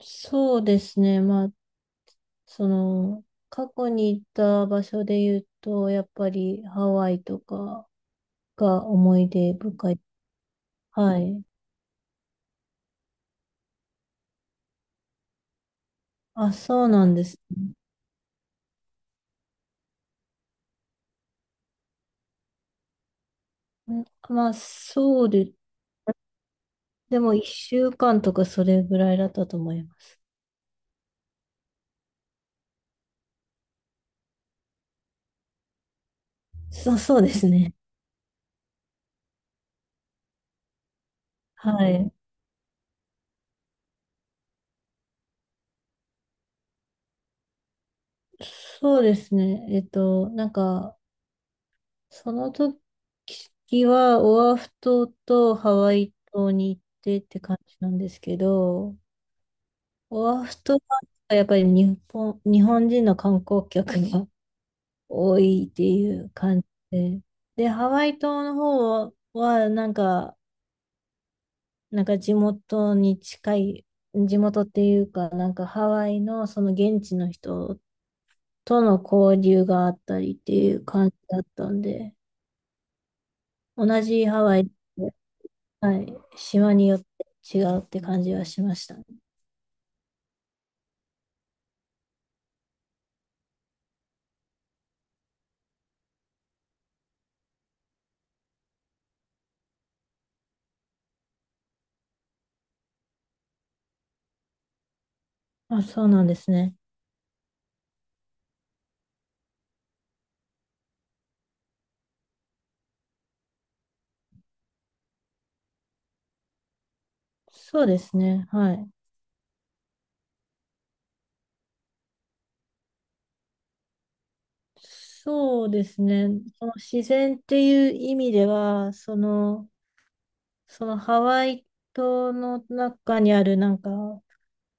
そうですね。まあ、その、過去に行った場所で言うと、やっぱりハワイとかが思い出深い。はい。あ、そうなんですね。んまあ、でも1週間とかそれぐらいだったと思います。そうですね。はい。そうですね。その時はオアフ島とハワイ島に行ってって感じなんですけど、オアフ島はやっぱり日本人の観光客が 多いっていう感じで。で、ハワイ島の方はなんか地元に近い、地元っていうか、なんかハワイのその現地の人との交流があったりっていう感じだったんで、同じハワイで、はい、島によって違うって感じはしましたね。あ、そうなんですね。そうですね。はい。そうですね。その自然っていう意味では、そのハワイ島の中にあるなんか、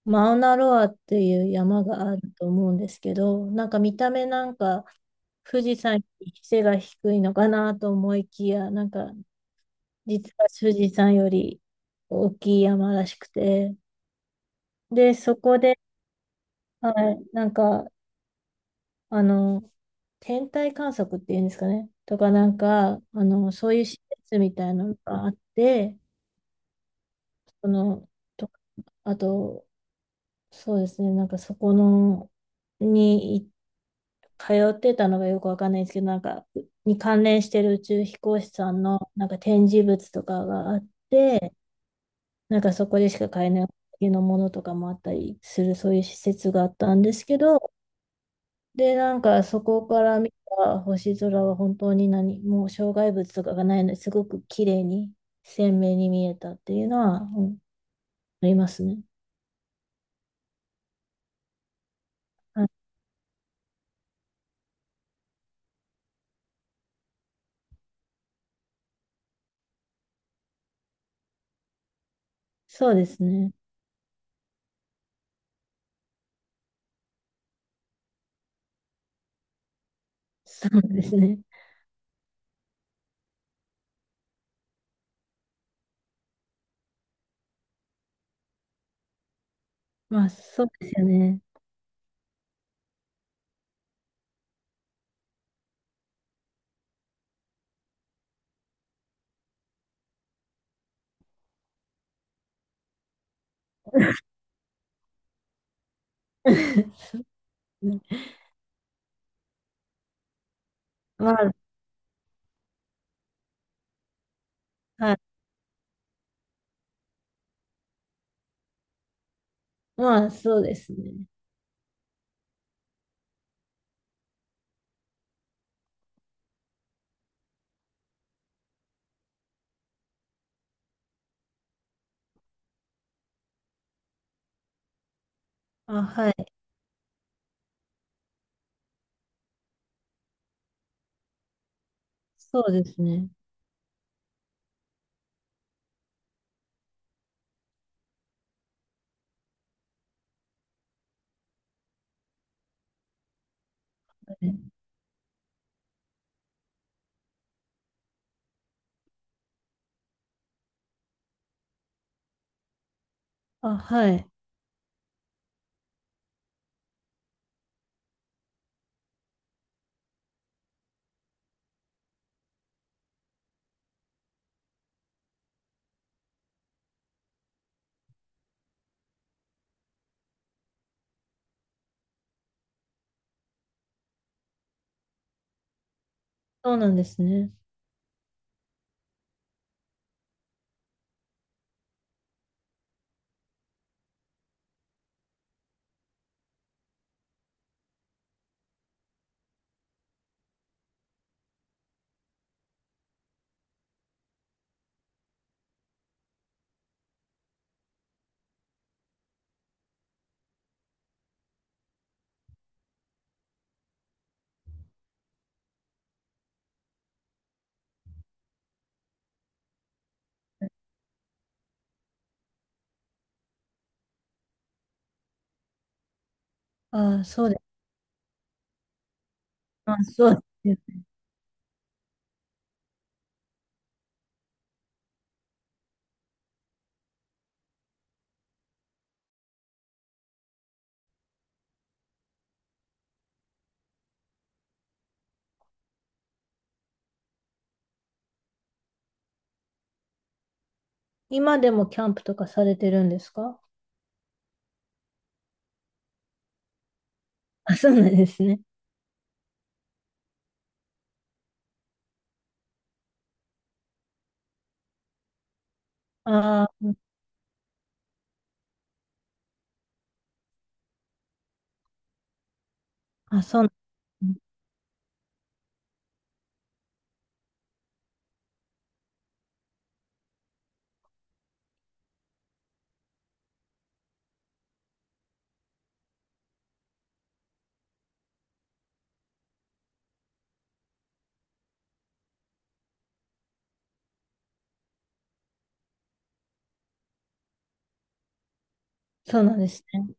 マウナロアっていう山があると思うんですけど、なんか見た目なんか、富士山より背が低いのかなと思いきや、なんか、実は富士山より大きい山らしくて、で、そこで、はい、あの、天体観測っていうんですかね。とか、なんか、あの、そういう施設みたいなのがあって、その、と、あと、そうですね、なんかそこの、にい通ってたのがよくわかんないんですけど、なんか、に関連してる宇宙飛行士さんの、なんか展示物とかがあって、なんかそこでしか買えないものとかもあったりする、そういう施設があったんですけど、で、なんかそこから見た星空は本当に何も障害物とかがないのですごく綺麗に鮮明に見えたっていうのは、うんありますね。はい、そうですね。そうですね。まあそうですよね。そうですねまあ、はい。まあそうですね。あ、はい。そうですね。はいあ、はい。そうなんですね。あ、そうです。まあそうですよね。今でもキャンプとかされてるんですか？あ、そうなんですね。あーあ、そううんそうなんですね。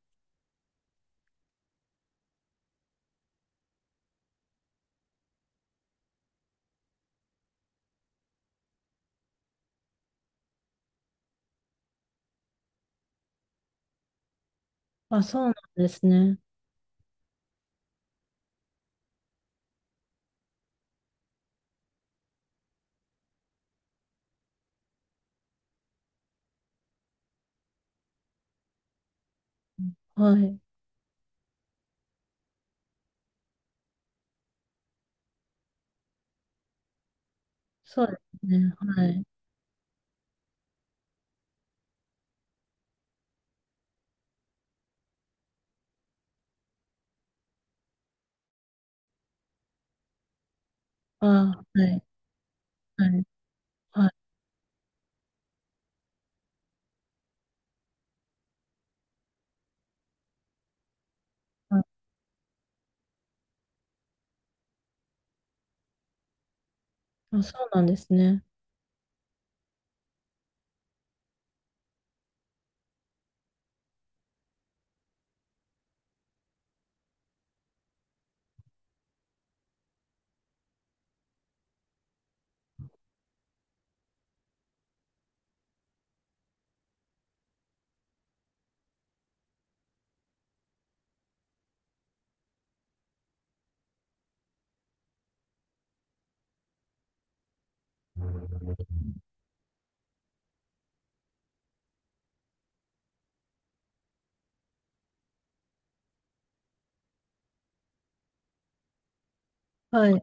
あ、そうなんですね。はい。そうですね。はい。あ、はい。はい。はい。あ、あそうなんですね。はい。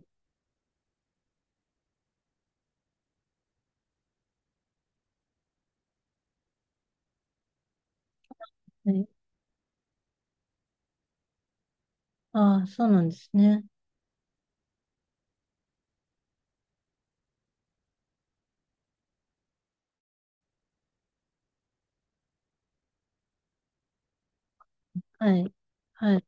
はい。あ、そうなんですね。はい。はい。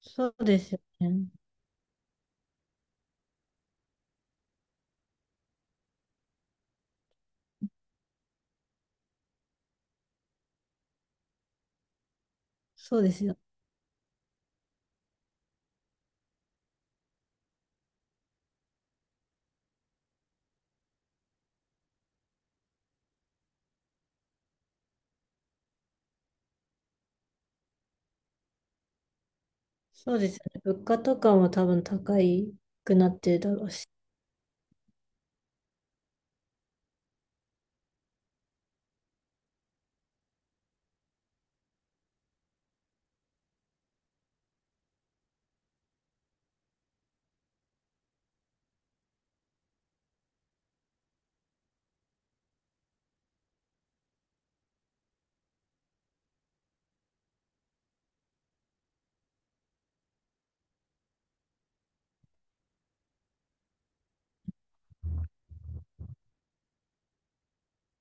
そうですよね。そうですよ。そうですよね。物価とかも多分高くなってるだろうし。